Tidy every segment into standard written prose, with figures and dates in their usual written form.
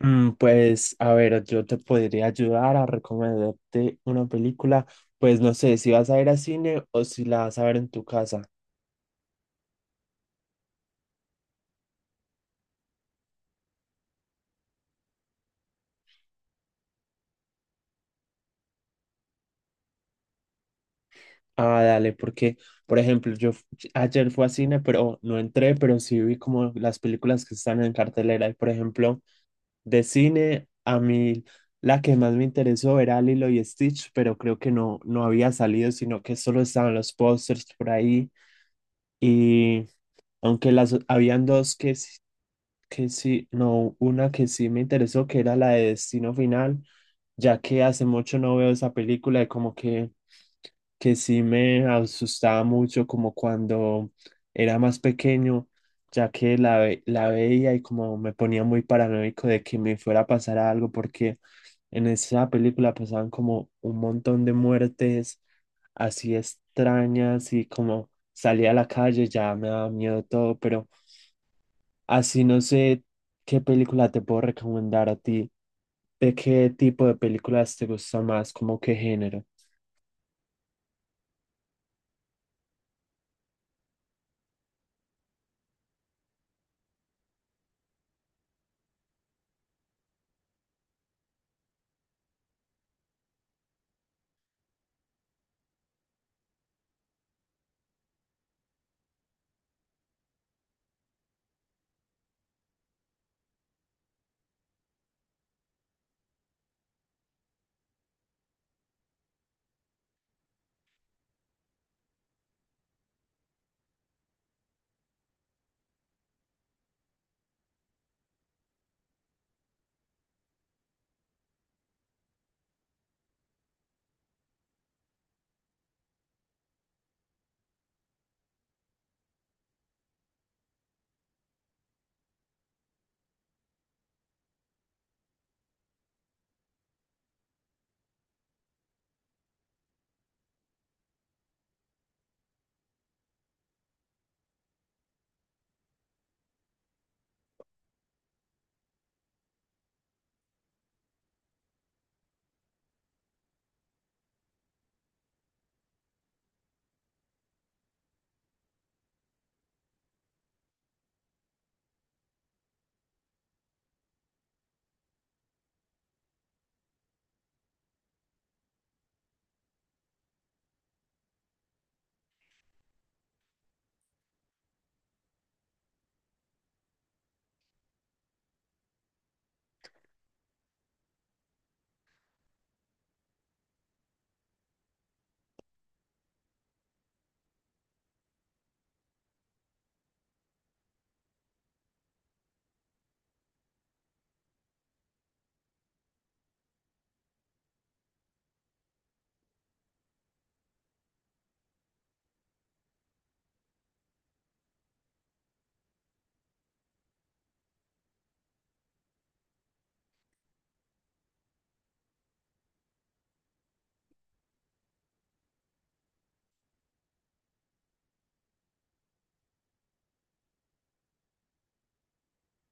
A ver, yo te podría ayudar a recomendarte una película. Pues no sé si vas a ir al cine o si la vas a ver en tu casa. Ah, dale, porque, por ejemplo, ayer fui al cine, pero no entré, pero sí vi como las películas que están en cartelera. Y, por ejemplo, de cine, a mí la que más me interesó era Lilo y Stitch, pero creo que no había salido, sino que solo estaban los pósters por ahí. Y aunque las habían dos que sí, no, una que sí me interesó, que era la de Destino Final, ya que hace mucho no veo esa película y como que sí me asustaba mucho como cuando era más pequeño, ya que la veía y como me ponía muy paranoico de que me fuera a pasar algo, porque en esa película pasaban como un montón de muertes así extrañas y como salía a la calle ya me daba miedo todo, pero... Así no sé qué película te puedo recomendar a ti. ¿De qué tipo de películas te gusta más? ¿Como qué género?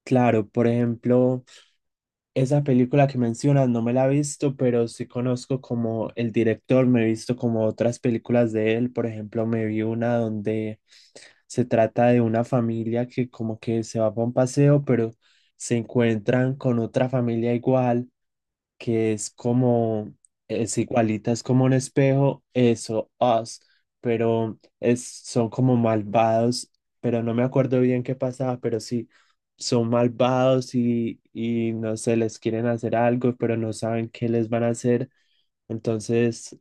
Claro, por ejemplo, esa película que mencionas no me la he visto, pero sí conozco como el director, me he visto como otras películas de él. Por ejemplo, me vi una donde se trata de una familia que como que se va para un paseo, pero se encuentran con otra familia igual, que es como, es igualita, es como un espejo, eso, Us, pero es, son como malvados, pero no me acuerdo bien qué pasaba, pero sí, son malvados y no sé, les quieren hacer algo, pero no saben qué les van a hacer, entonces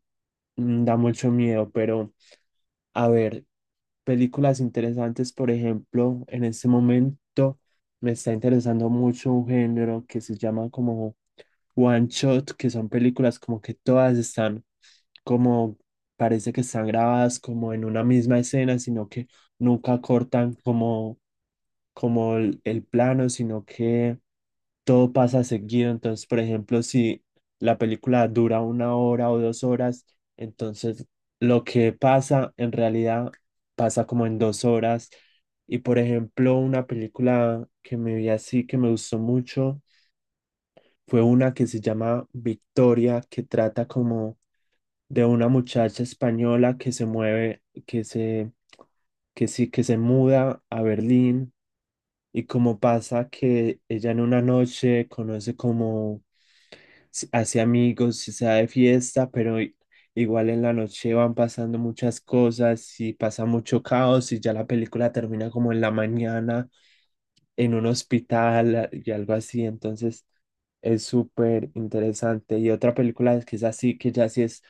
da mucho miedo, pero a ver, películas interesantes, por ejemplo, en este momento me está interesando mucho un género que se llama como One Shot, que son películas como que todas están como, parece que están grabadas como en una misma escena, sino que nunca cortan como, como el plano, sino que todo pasa seguido. Entonces, por ejemplo, si la película dura una hora o dos horas, entonces lo que pasa en realidad pasa como en dos horas. Y por ejemplo, una película que me vi así, que me gustó mucho fue una que se llama Victoria, que trata como de una muchacha española que se mueve, que sí, que se muda a Berlín y como pasa que ella en una noche conoce como hace amigos y se da de fiesta, pero igual en la noche van pasando muchas cosas y pasa mucho caos y ya la película termina como en la mañana en un hospital y algo así. Entonces es súper interesante. Y otra película que es así, que ya sí es,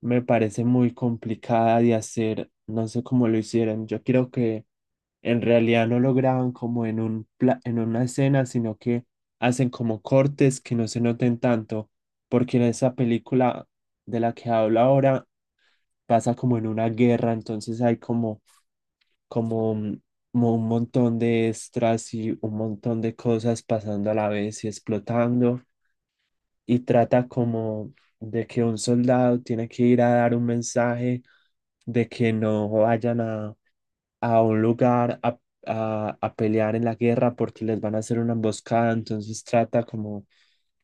me parece muy complicada de hacer. No sé cómo lo hicieron. Yo quiero que en realidad no lo graban como en un en una escena, sino que hacen como cortes que no se noten tanto, porque en esa película de la que hablo ahora pasa como en una guerra, entonces hay un como un montón de extras y un montón de cosas pasando a la vez y explotando, y trata como de que un soldado tiene que ir a dar un mensaje de que no vayan a un lugar a pelear en la guerra porque les van a hacer una emboscada, entonces trata como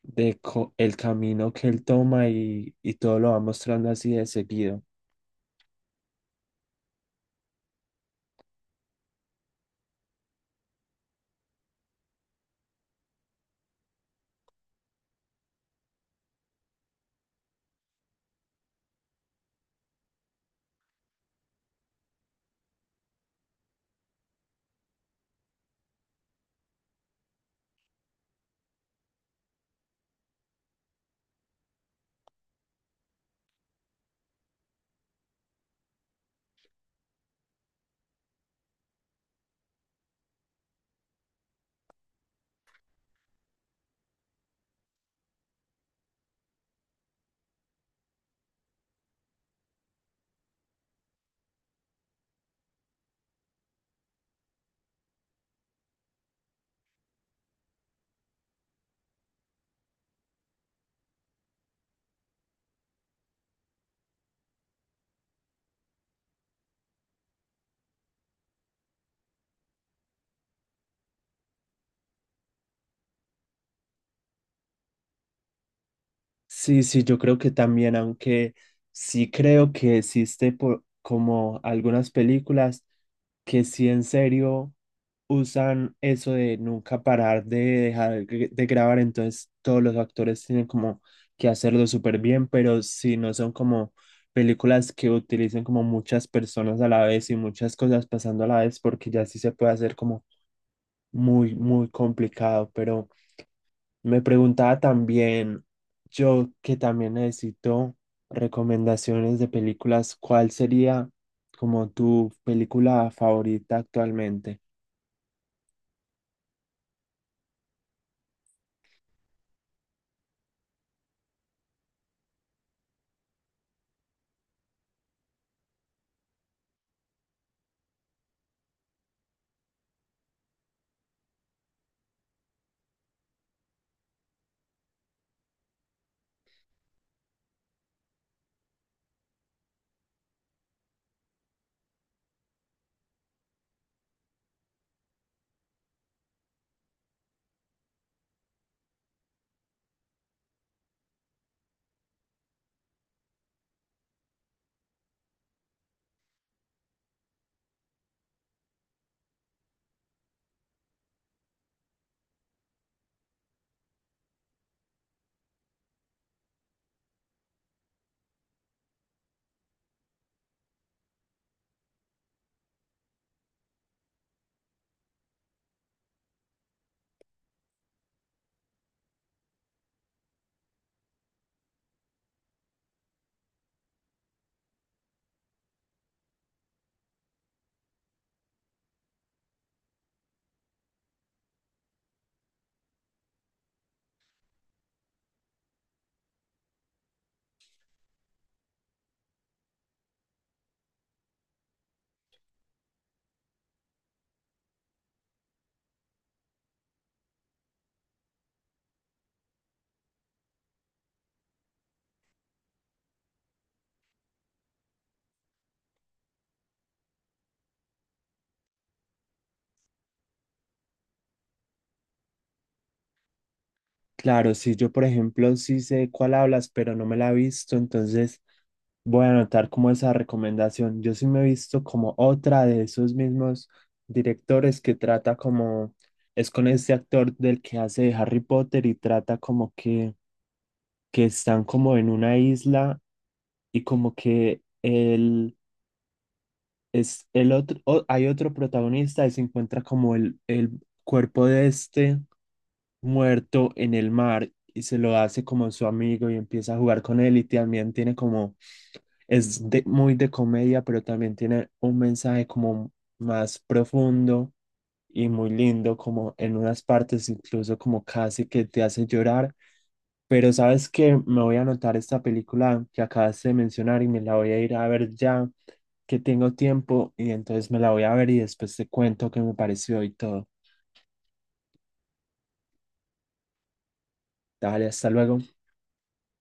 el camino que él toma y todo lo va mostrando así de seguido. Sí, sí, yo creo que también, aunque sí creo que existe por, como algunas películas que sí en serio usan eso de nunca parar de de grabar, entonces todos los actores tienen como que hacerlo súper bien, pero si no son como películas que utilicen como muchas personas a la vez y muchas cosas pasando a la vez, porque ya sí se puede hacer como muy, muy complicado, pero me preguntaba también, yo que también necesito recomendaciones de películas, ¿cuál sería como tu película favorita actualmente? Claro, si yo por ejemplo sí sé cuál hablas, pero no me la he visto, entonces voy a anotar como esa recomendación. Yo sí me he visto como otra de esos mismos directores que trata como, es con este actor del que hace de Harry Potter y trata como que están como en una isla y como que él es el otro, hay otro protagonista y se encuentra como el cuerpo de este muerto en el mar y se lo hace como su amigo y empieza a jugar con él y también tiene como, muy de comedia, pero también tiene un mensaje como más profundo y muy lindo, como en unas partes incluso como casi que te hace llorar. Pero sabes que me voy a anotar esta película que acabas de mencionar y me la voy a ir a ver ya que tengo tiempo y entonces me la voy a ver y después te cuento qué me pareció y todo. Dale, hasta luego.